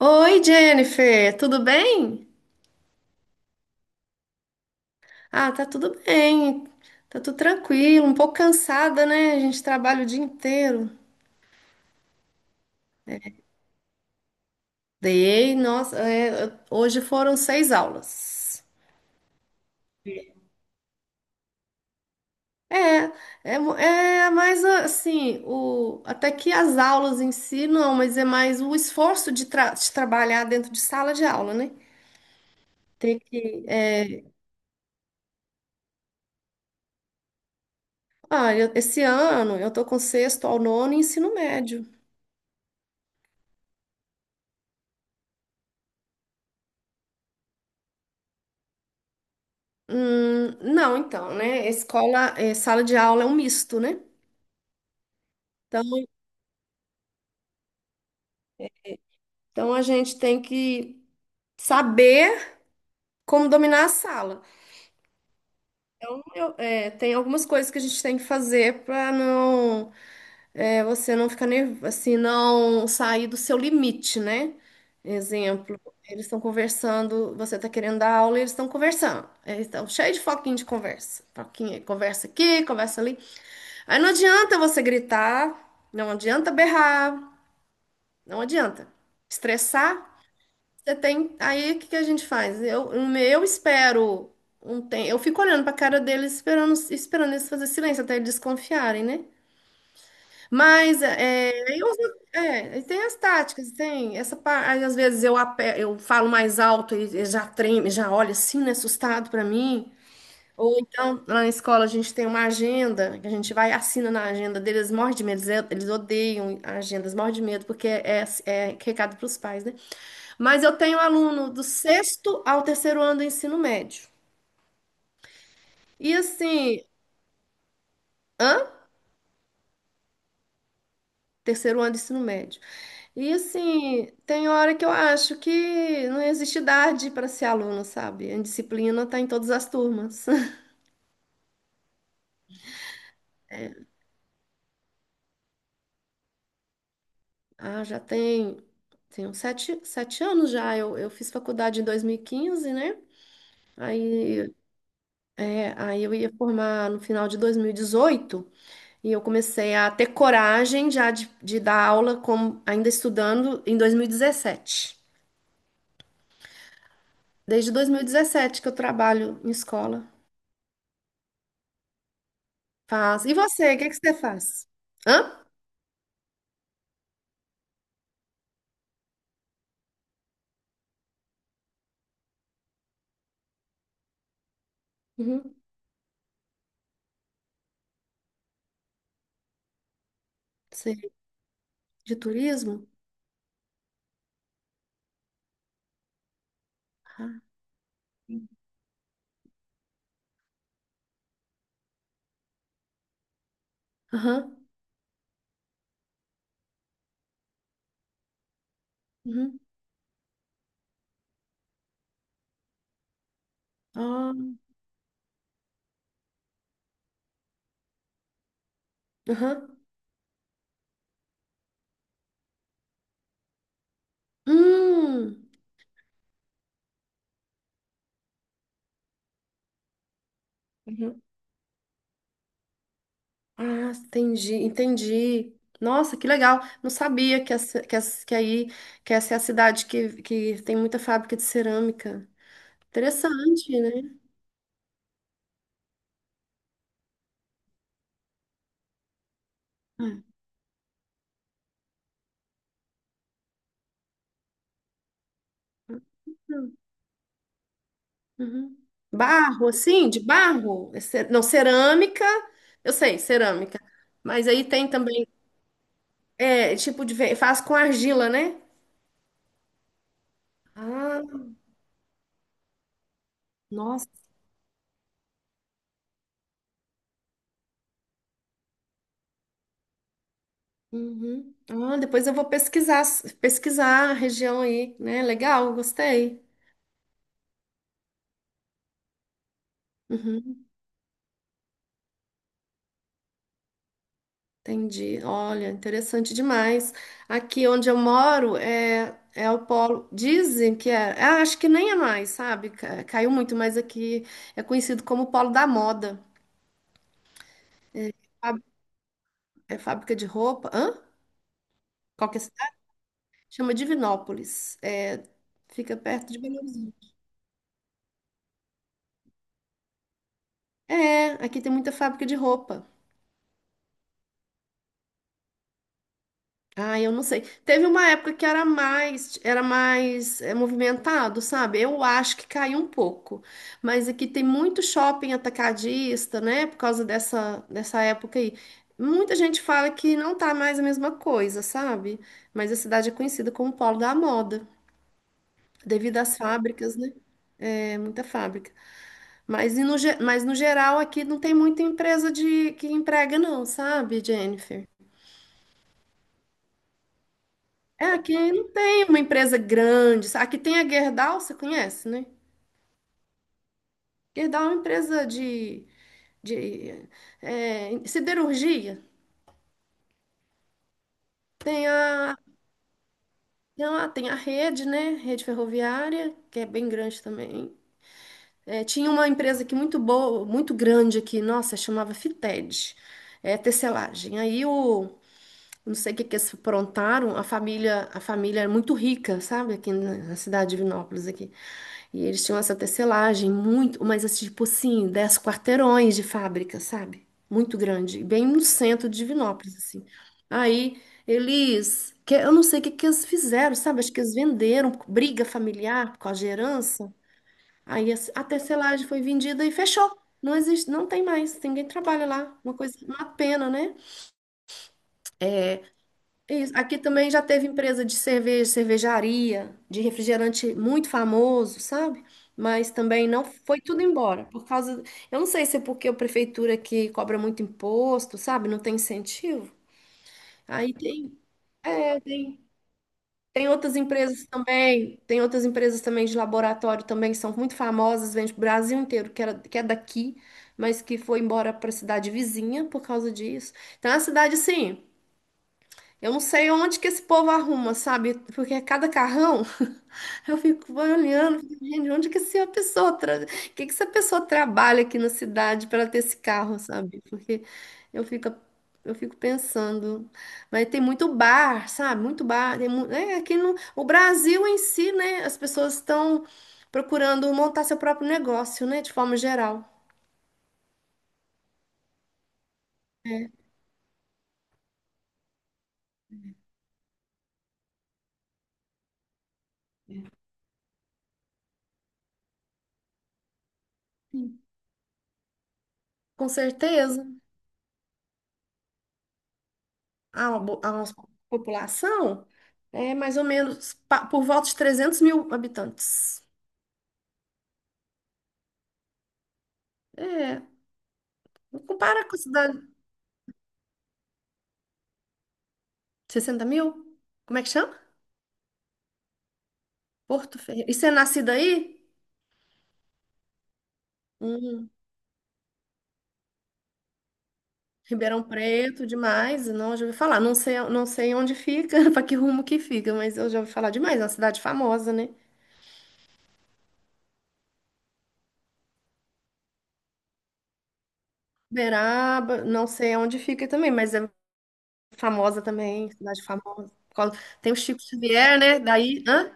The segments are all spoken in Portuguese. Oi, Jennifer, tudo bem? Ah, tá tudo bem, tá tudo tranquilo, um pouco cansada, né? A gente trabalha o dia inteiro. Dei, nossa, hoje foram seis aulas. É, é mais assim, até que as aulas em si não, mas é mais o esforço de, trabalhar dentro de sala de aula, né? Ter que, é, ah, eu- Esse ano eu tô com sexto ao nono e ensino médio. Não, então, né? Escola, sala de aula é um misto, né? Então, então, a gente tem que saber como dominar a sala. Então, tem algumas coisas que a gente tem que fazer para não, você não ficar nervoso, assim, não sair do seu limite, né? Exemplo, eles estão conversando, você está querendo dar aula, e eles estão conversando. Eles estão cheios de foquinho de conversa. Foquinho, conversa aqui, conversa ali. Aí não adianta você gritar, não adianta berrar. Não adianta. Estressar, você tem. Aí o que que a gente faz? Eu espero um tempo. Eu fico olhando para a cara deles, esperando eles fazer silêncio até eles desconfiarem, né? Mas é, eu, e tem as táticas, tem essa parte. Às vezes eu falo mais alto e já treme, já olha assim, né, assustado para mim. Ou então, lá na escola, a gente tem uma agenda, que a gente vai e assina na agenda deles, morre de medo, eles odeiam agendas, morre de medo, porque é recado para os pais, né? Mas eu tenho aluno do sexto ao terceiro ano do ensino médio. E assim, hã? Terceiro ano do ensino médio. E assim, tem hora que eu acho que não existe idade para ser aluno, sabe? A disciplina tá em todas as turmas. Ah, já tem uns sete anos já. Eu fiz faculdade em 2015, né? Aí, aí, eu ia formar no final de 2018. E eu comecei a ter coragem já de, dar aula como ainda estudando em 2017. Desde 2017 que eu trabalho em escola. Faz. E você, o que é que você faz? Hã? Uhum. Você é de turismo? Ah, aham. Uhum. Ah, aham. Hum. Uhum. Ah, entendi, entendi. Nossa, que legal. Não sabia que, essa, que, essa- que aí que essa é a cidade que, tem muita fábrica de cerâmica. Interessante, né? É. Uhum. Barro, assim, de barro? Não, cerâmica, eu sei, cerâmica. Mas aí tem também, faz com argila, né? Ah, nossa. Uhum. Ah, depois eu vou pesquisar a região aí, né? Legal, gostei. Uhum, entendi. Olha, interessante demais. Aqui onde eu moro é o polo. Dizem que é. Ah, acho que nem é mais, sabe? Caiu muito, mas aqui é conhecido como polo da moda. É fábrica de roupa. Hã? Qual que é a cidade? Chama Divinópolis. É, fica perto de Belo Horizonte. É, aqui tem muita fábrica de roupa. Ah, eu não sei. Teve uma época que era mais, movimentado, sabe? Eu acho que caiu um pouco. Mas aqui tem muito shopping atacadista, né? Por causa dessa época aí. Muita gente fala que não tá mais a mesma coisa, sabe? Mas a cidade é conhecida como polo da moda, devido às fábricas, né? É, muita fábrica. Mas no geral aqui não tem muita empresa de que emprega não, sabe, Jennifer? É, aqui não tem uma empresa grande. Aqui tem a Gerdau, você conhece, né? Gerdau é uma empresa de, de siderurgia. Tem a, tem a rede, né? Rede ferroviária, que é bem grande também. É, tinha uma empresa aqui muito boa, muito grande aqui, nossa, chamava Fited, tecelagem. Aí o não sei o que que eles aprontaram, a família era muito rica, sabe, aqui na cidade de Vinópolis aqui. E eles tinham essa tecelagem muito, mas assim, tipo assim, 10 quarteirões de fábrica, sabe? Muito grande, bem no centro de Vinópolis assim. Aí eles, que eu não sei o que que eles fizeram, sabe? Acho que eles venderam briga familiar por causa de herança. Aí a tecelagem foi vendida e fechou. Não existe, não tem mais, ninguém trabalha lá. Uma coisa, uma pena, né? Isso. Aqui também já teve empresa de cerveja, cervejaria, de refrigerante muito famoso, sabe? Mas também não foi tudo embora, por causa, eu não sei se é porque a prefeitura aqui cobra muito imposto, sabe? Não tem incentivo. Aí tem, é, tem, tem outras empresas também, tem outras empresas também de laboratório também que são muito famosas, vende pro Brasil inteiro, que era, que é daqui, mas que foi embora para a cidade vizinha por causa disso. Então a cidade assim, eu não sei onde que esse povo arruma, sabe? Porque é cada carrão, eu fico olhando, fico, gente, onde que essa pessoa, que essa pessoa trabalha aqui na cidade para ter esse carro, sabe? Porque eu fico, eu fico pensando, mas tem muito bar, sabe? Muito bar, aqui no o Brasil em si, né? As pessoas estão procurando montar seu próprio negócio, né? De forma geral. Com certeza. A nossa população é mais ou menos por volta de 300 mil habitantes. É, não compara com a cidade. 60 mil? Como é que chama? Porto Ferreira. E você é nascida aí? Hum, Ribeirão Preto, demais. Não, eu já ouvi falar. Não sei onde fica, para que rumo que fica, mas eu já ouvi falar demais. É uma cidade famosa, né? Uberaba, não sei onde fica também, mas é famosa também, cidade famosa. Tem o Chico Xavier, né? Daí. Hã?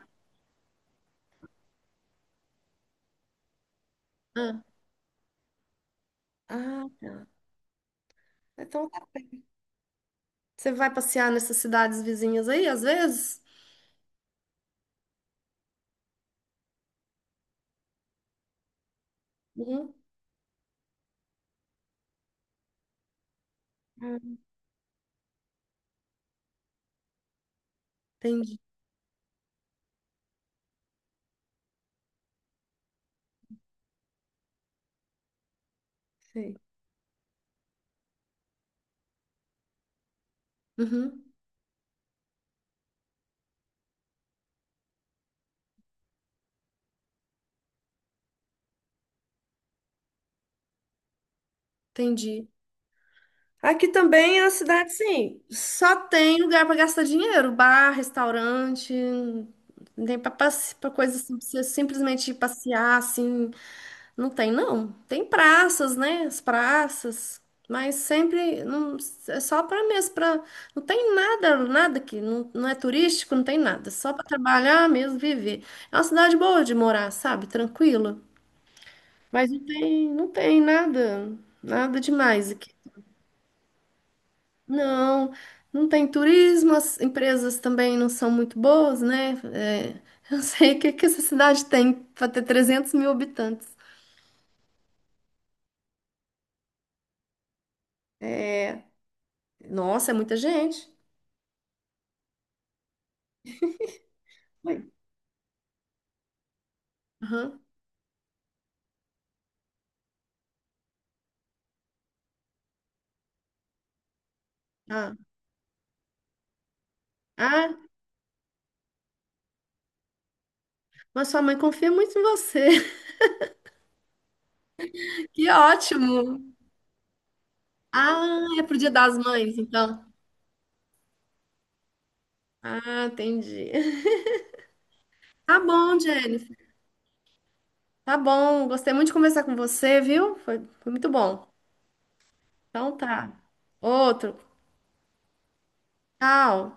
Hã? Ah, tá. Então, você vai passear nessas cidades vizinhas aí, às vezes? Uhum. Ah, entendi. Sei. Uhum. Entendi. Aqui também é uma cidade, sim. Só tem lugar para gastar dinheiro, bar, restaurante, não tem para coisa assim, pra você simplesmente ir passear assim. Não tem, não. Tem praças, né? As praças. Mas sempre não, é só para mesmo, para não tem nada, nada que não, não é turístico, não tem nada, é só para trabalhar mesmo, viver. É uma cidade boa de morar, sabe? Tranquila. Mas não tem nada, nada demais aqui. Não, não tem turismo, as empresas também não são muito boas, né? É, eu não sei o que que essa cidade tem para ter 300 mil habitantes. Nossa, é muita gente. Oi. Ah, ah, mas sua mãe confia muito em você. Que ótimo. Ah, é pro Dia das Mães, então. Ah, entendi. Tá bom, Jennifer. Tá bom. Gostei muito de conversar com você, viu? Foi muito bom. Então tá. Outro. Tchau.